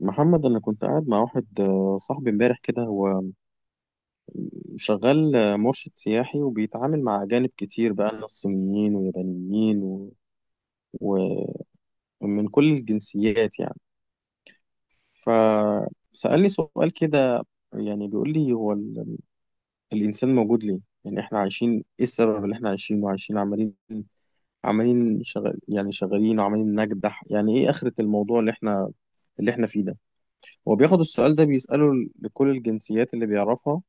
محمد، أنا كنت قاعد مع واحد صاحبي امبارح كده. هو شغال مرشد سياحي وبيتعامل مع أجانب كتير، بقى ناس صينيين ويابانيين و- ومن كل الجنسيات يعني. فسألني سؤال كده، يعني بيقول لي هو الإنسان موجود ليه؟ يعني إحنا عايشين إيه السبب اللي إحنا عايشينه؟ عايشين وعايشين، عمالين عمالين شغال، يعني شغالين وعمالين نجدح، يعني إيه آخرة الموضوع اللي إحنا اللي إحنا فيه ده؟ هو بياخد السؤال ده بيسأله لكل الجنسيات اللي بيعرفها.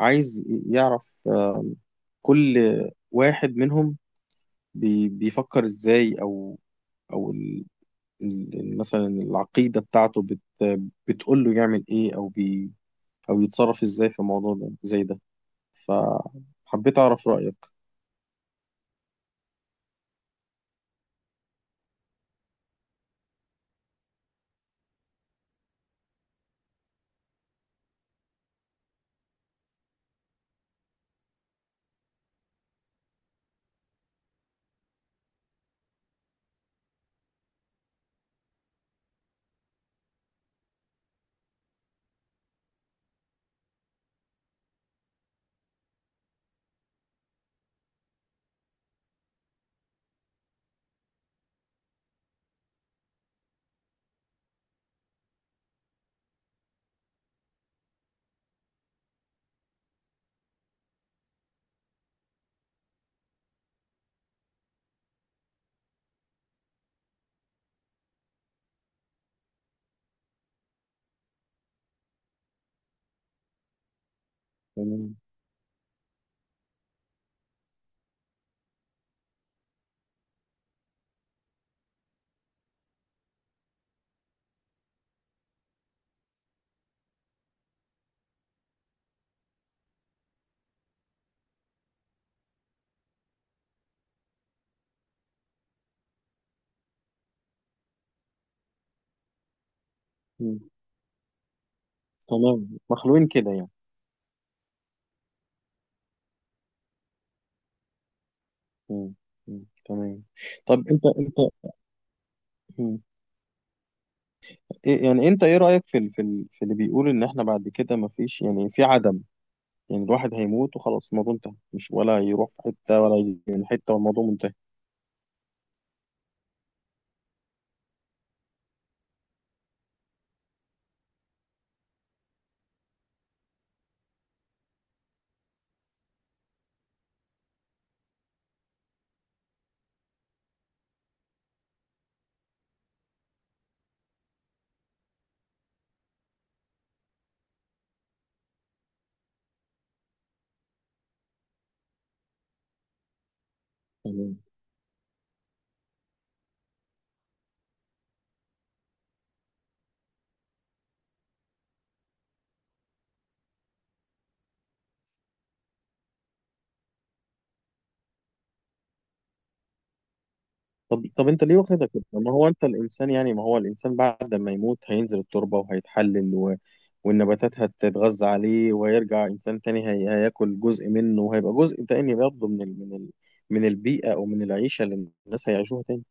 عايز يعرف كل واحد منهم بيفكر ازاي، او او ال- مثلا العقيدة بتاعته بتقول له يعمل ايه، او يتصرف ازاي في الموضوع ده زي ده. فحبيت اعرف رأيك. تمام. مم. تمام، مخلوقين كده يعني. مم. مم. تمام. طب انت، مم. يعني انت ايه رأيك في في اللي بيقول ان احنا بعد كده مفيش، يعني في عدم؟ يعني الواحد هيموت وخلاص، الموضوع انتهى؟ مش ولا يروح في حتة ولا يجي من حتة والموضوع منتهي يعني؟ طب انت ليه واخدها كده؟ ما هو انت الانسان، يعني ما هو الانسان بعد ما يموت هينزل التربة وهيتحلل، و... والنباتات هتتغذى عليه وهيرجع انسان تاني. هي... هياكل جزء منه وهيبقى جزء تاني برضه من ال... من ال... من البيئة او من العيشة اللي الناس هيعيشوها تاني.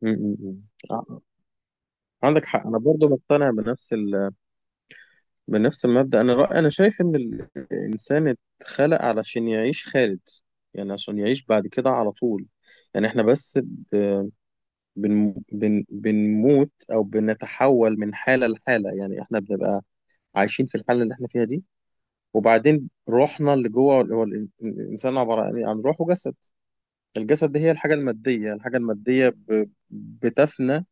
م- م- م. ع- عندك حق. انا برضه مقتنع بنفس ال... بنفس المبدأ. أنا رأي أنا شايف إن الإنسان اتخلق علشان يعيش خالد، يعني عشان يعيش بعد كده على طول. يعني إحنا بس ب- بن بن بنموت أو بنتحول من حالة لحالة. يعني إحنا بنبقى عايشين في الحالة اللي إحنا فيها دي، وبعدين روحنا اللي جوه، هو الإنسان عبارة عن إيه؟ عن روح وجسد. الجسد دي هي الحاجة المادية، الحاجة المادية بتفنى.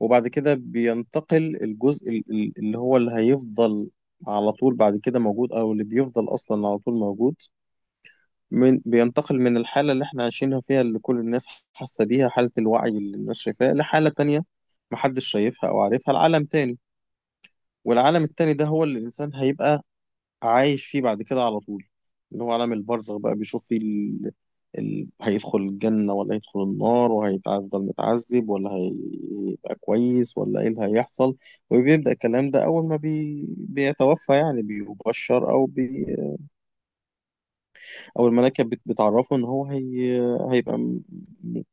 وبعد كده بينتقل الجزء اللي هو اللي هيفضل على طول بعد كده موجود، او اللي بيفضل اصلا على طول موجود. من بينتقل من الحالة اللي احنا عايشينها فيها، اللي كل الناس حاسة بيها، حالة الوعي اللي الناس شايفاها، لحالة تانية محدش شايفها او عارفها، لعالم تاني. والعالم التاني ده هو اللي الانسان هيبقى عايش فيه بعد كده على طول، اللي هو عالم البرزخ بقى، بيشوف فيه ال... ال... هيدخل الجنة ولا هيدخل النار، وهيفضل متعذب ولا هيبقى كويس، ولا ايه اللي هيحصل. وبيبدأ الكلام ده أول ما بي... بيتوفى، يعني بيبشر أو بي... أو الملائكة بت... بتعرفه إن هو هي... هيبقى م...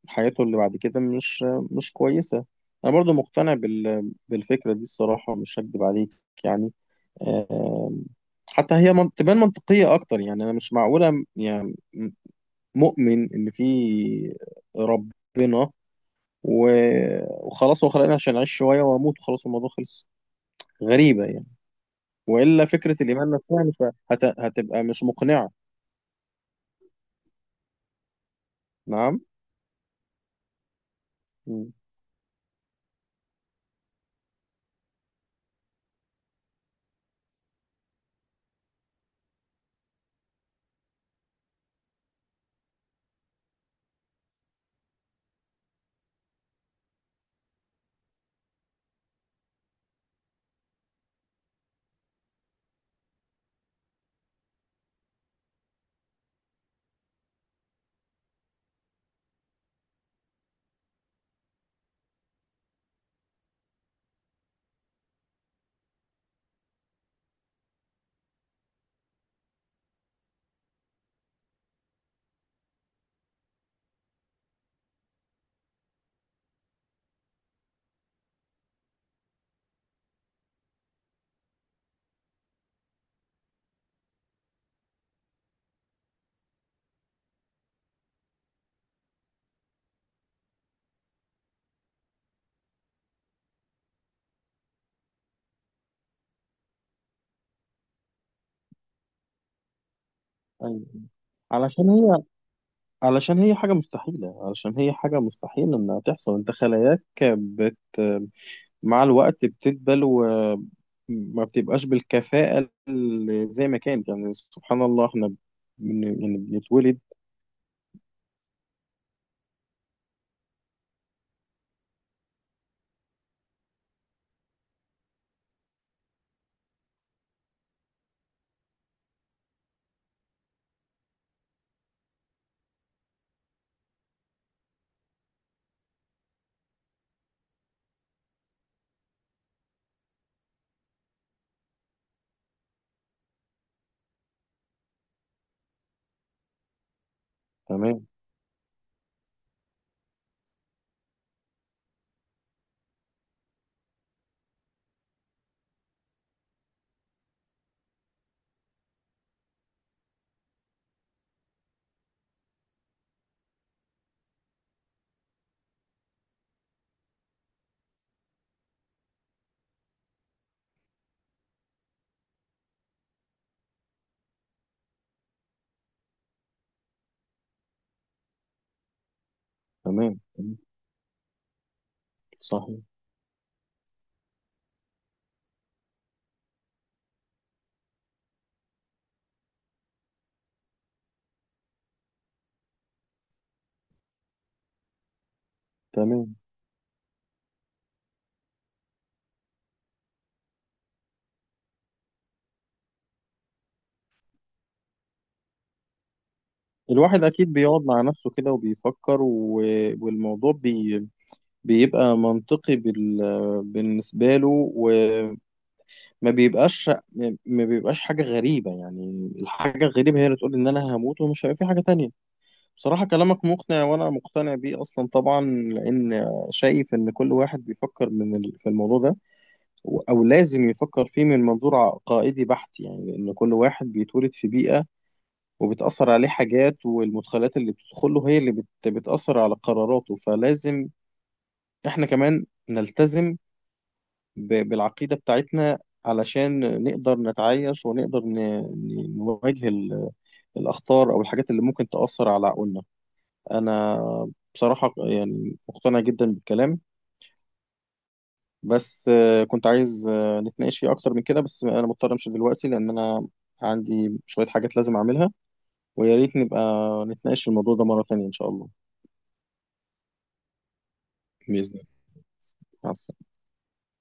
حياته اللي بعد كده مش كويسة. أنا برضو مقتنع بال... بالفكرة دي الصراحة، مش هكدب عليك. يعني آم، حتى هي من- تبان منطقية أكتر. يعني أنا مش معقولة يعني مؤمن إن في ربنا وخلاص هو خلقني عشان أعيش شوية وأموت وخلاص الموضوع خلص. غريبة يعني. وإلا فكرة الإيمان نفسها مش هت... هتبقى مش مقنعة. نعم. مم. أيوة. علشان هي حاجة مستحيلة، علشان هي حاجة مستحيل إنها تحصل. أنت خلاياك بت مع الوقت بتدبل وما بتبقاش بالكفاءة اللي زي ما كانت. يعني سبحان الله، احنا يعني بنتولد. تمام. تمام تمام، صحيح. تمام. الواحد أكيد بيقعد مع نفسه كده وبيفكر، و... والموضوع بي... بيبقى منطقي بال... بالنسبة له، وما بيبقاش ما بيبقاش حاجة غريبة. يعني الحاجة الغريبة هي اللي تقول إن أنا هموت ومش هيبقى في حاجة تانية. بصراحة كلامك مقنع وأنا مقتنع بيه أصلا طبعا. لأن شايف إن كل واحد بيفكر في الموضوع ده، أو لازم يفكر فيه من منظور عقائدي بحت. يعني لأن كل واحد بيتولد في بيئة، وبتأثر عليه حاجات، والمدخلات اللي بتدخله هي اللي بتأثر على قراراته. فلازم إحنا كمان نلتزم ب- بالعقيدة بتاعتنا، علشان نقدر نتعايش ونقدر نواجه ال- الأخطار أو الحاجات اللي ممكن تأثر على عقولنا. انا بصراحة يعني مقتنع جدا بالكلام، بس كنت عايز نتناقش فيه اكتر من كده. بس انا مضطر امشي دلوقتي لان انا عندي شوية حاجات لازم اعملها. ويا ريت نبقى نتناقش في الموضوع ده مرة تانية ان شاء الله. بإذن الله. مع السلامة.